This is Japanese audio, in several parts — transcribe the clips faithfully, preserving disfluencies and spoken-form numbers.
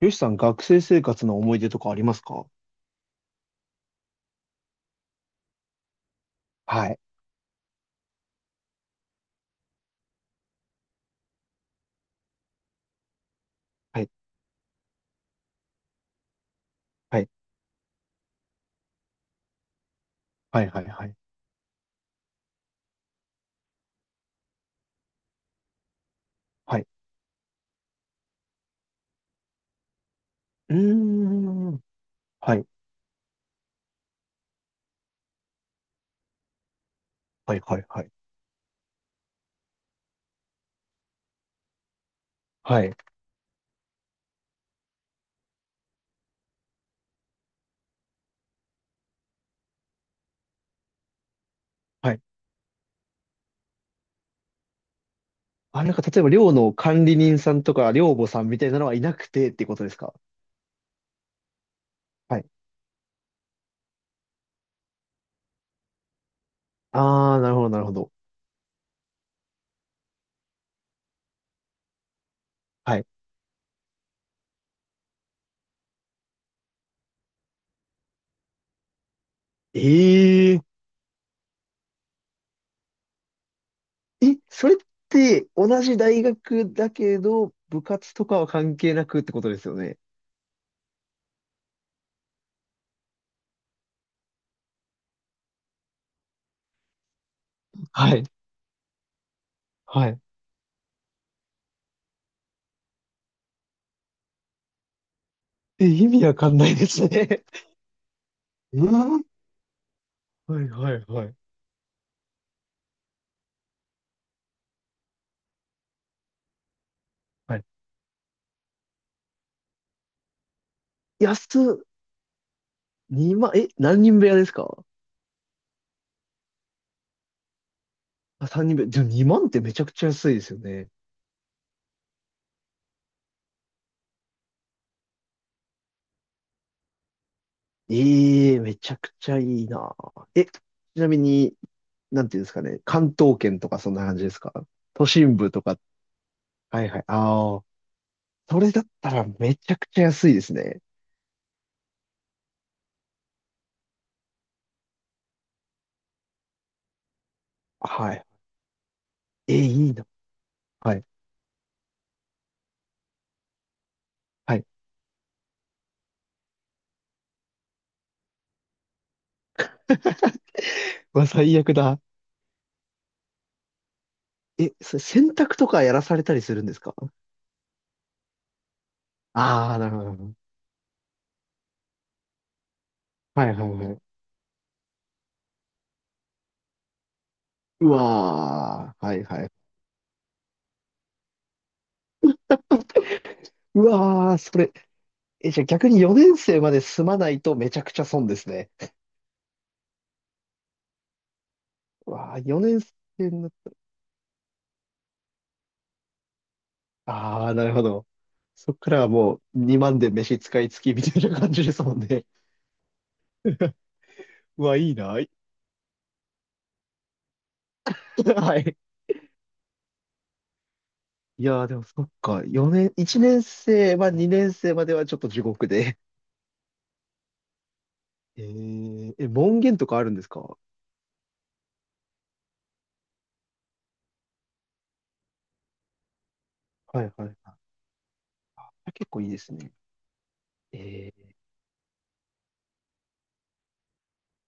よしさん、学生生活の思い出とかありますか？はい。はい、はい、はい、はい、はい。はい。うーん。はい、はい、はい、はい。はい、はい。あ、なんか、例えば、寮の管理人さんとか、寮母さんみたいなのはいなくてってことですか？はい。あー、なるほど、なるほど。はい。えええ、それって、同じ大学だけど、部活とかは関係なくってことですよね。はい。はい。え、意味わかんないですね。えーはい、はい、はい。はい。安っ。にまん、え、何人部屋ですか？あ、さんにん部屋。でもにまんってめちゃくちゃ安いですよね。ええ、めちゃくちゃいいな。え、ちなみに、なんていうんですかね。関東圏とかそんな感じですか？都心部とか。はいはい。ああ、それだったらめちゃくちゃ安いですね。はい。え、いいな。はい。はい。うわ、最悪だ。え、それ洗濯とかやらされたりするんですか？ああー、なるほど。なるほど、はいはいはい。うわー、はいはい。うわー、それ、え、じゃあ逆によねん生まで済まないとめちゃくちゃ損ですね。うわあ、よねん生の、ああ、なるほど。そっからはもうにまんで飯使い付きみたいな感じですもんね。うわ、いいな。はい。いやー、でもそっか。よねん、いちねん生はにねん生まではちょっと地獄で。えー、え、門限とかあるんですか？はいはいはい。あ、結構いいですね。えー、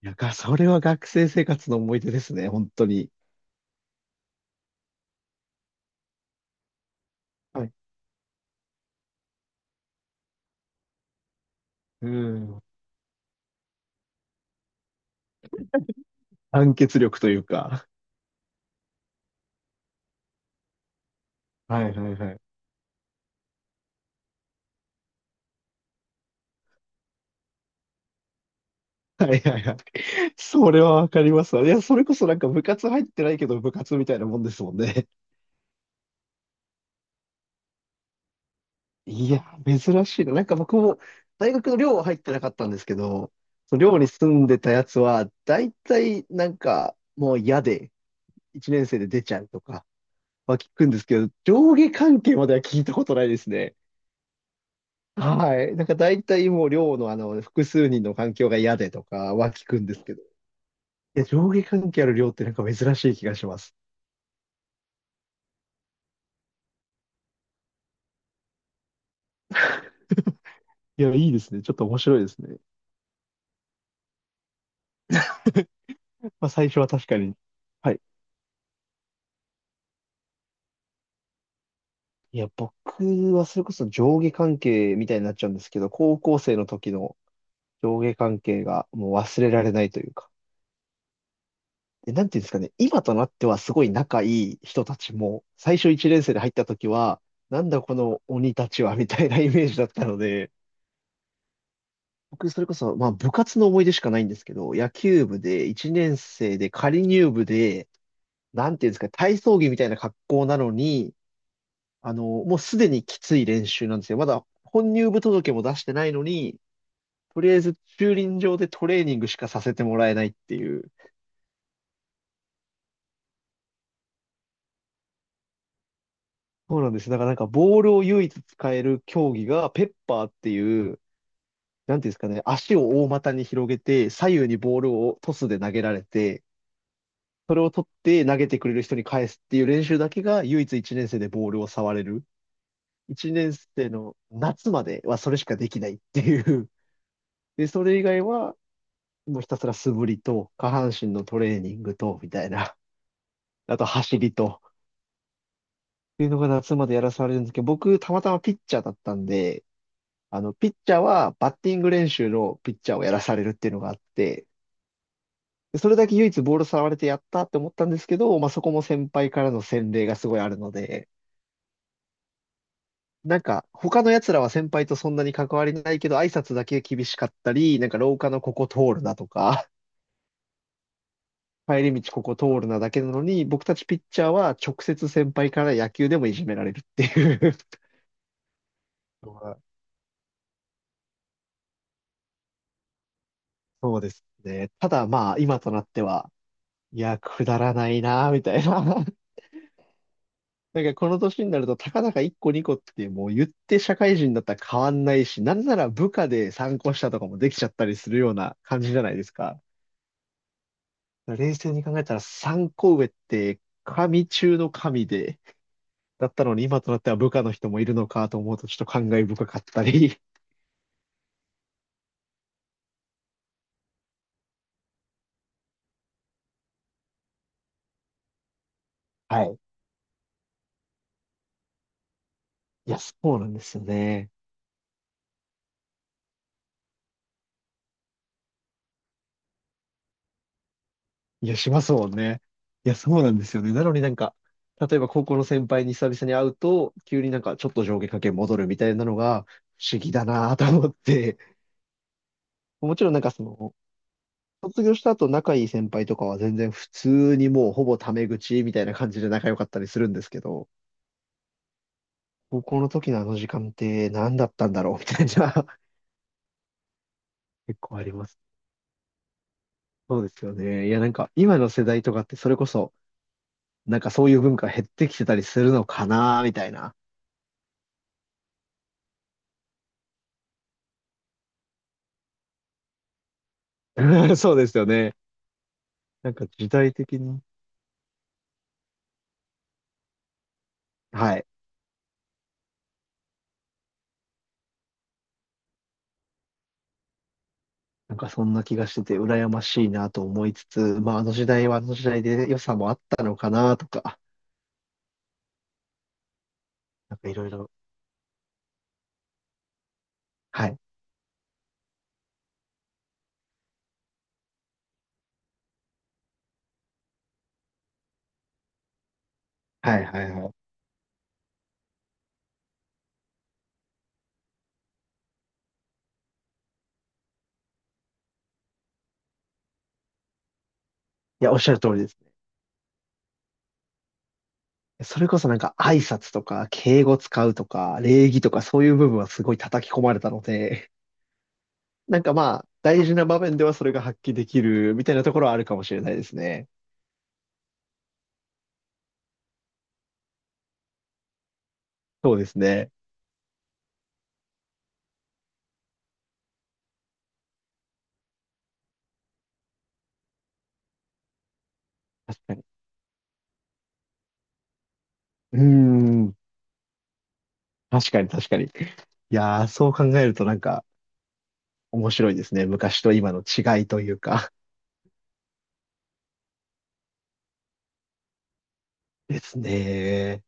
いや、がそれは学生生活の思い出ですね、本当に。はい。うん。団結力というか。はいはいはい。はいはいはい。それはわかりますわ。いや、それこそなんか部活入ってないけど部活みたいなもんですもんね。いや、珍しいな。なんか僕も大学の寮は入ってなかったんですけど、その寮に住んでたやつは、大体なんかもう嫌で、いちねん生で出ちゃうとかは聞くんですけど、上下関係までは聞いたことないですね。はい。なんか大体もう寮のあの、複数人の環境が嫌でとかは聞くんですけど、いや、上下関係ある寮ってなんか珍しい気がします。いや、いいですね。ちょっと面白いですね。まあ最初は確かに。はい。いや、僕はそれこそ上下関係みたいになっちゃうんですけど、高校生の時の上下関係がもう忘れられないというか。で、なんていうんですかね、今となってはすごい仲いい人たちも、最初いちねん生で入った時は、なんだこの鬼たちはみたいな イメージだったので、僕それこそ、まあ部活の思い出しかないんですけど、野球部でいちねん生で仮入部で、なんていうんですか、体操着みたいな格好なのに、あの、もうすでにきつい練習なんですよ。まだ本入部届も出してないのに、とりあえず駐輪場でトレーニングしかさせてもらえないっていう。そうなんです。だからなんかボールを唯一使える競技がペッパーっていう、なんていうんですかね、足を大股に広げて、左右にボールをトスで投げられて、それを取って投げてくれる人に返すっていう練習だけが唯一いちねん生でボールを触れる。いちねん生の夏まではそれしかできないっていう。で、それ以外はもうひたすら素振りと、下半身のトレーニングと、みたいな。あと走りと、っていうのが夏までやらされるんですけど、僕、たまたまピッチャーだったんで、あの、ピッチャーはバッティング練習のピッチャーをやらされるっていうのがあって、でそれだけ唯一ボール触れてやったって思ったんですけど、まあ、そこも先輩からの洗礼がすごいあるので、なんか、他の奴らは先輩とそんなに関わりないけど、挨拶だけ厳しかったり、なんか廊下のここ通るなとか、帰り道ここ通るなだけなのに、僕たちピッチャーは直接先輩から野球でもいじめられるっていう。 のがそうですね。ただまあ、今となっては、いや、くだらないな、みたいな。なんかこの年になると、たかだかいっこにこってもう言って社会人だったら変わんないし、なんなら部下で参考したとかもできちゃったりするような感じじゃないですか。冷静に考えたら参考上って神中の神で、だったのに今となっては部下の人もいるのかと思うとちょっと感慨深かったり。はい。いや、そうなんですよね。いや、しますもんね。いや、そうなんですよね。なのになんか、例えば高校の先輩に久々に会うと、急になんかちょっと上下関係戻るみたいなのが不思議だなと思って。もちろんなんかその、卒業した後仲いい先輩とかは全然普通にもうほぼタメ口みたいな感じで仲良かったりするんですけど、高校の時のあの時間って何だったんだろうみたいな。 結構あります。そうですよね。いやなんか今の世代とかってそれこそなんかそういう文化減ってきてたりするのかな、みたいな。そうですよね。なんか時代的に。はい。なんかそんな気がしてて、羨ましいなと思いつつ、まああの時代はあの時代で良さもあったのかなとか、なんかいろいろ。はい。はいはいはい。いや、おっしゃる通りですね。それこそなんか挨拶とか敬語使うとか礼儀とかそういう部分はすごい叩き込まれたので、なんかまあ大事な場面ではそれが発揮できるみたいなところはあるかもしれないですね。そうですね。確かに。うーん。確かに確かに。いやー、そう考えるとなんか面白いですね。昔と今の違いというか。ですね。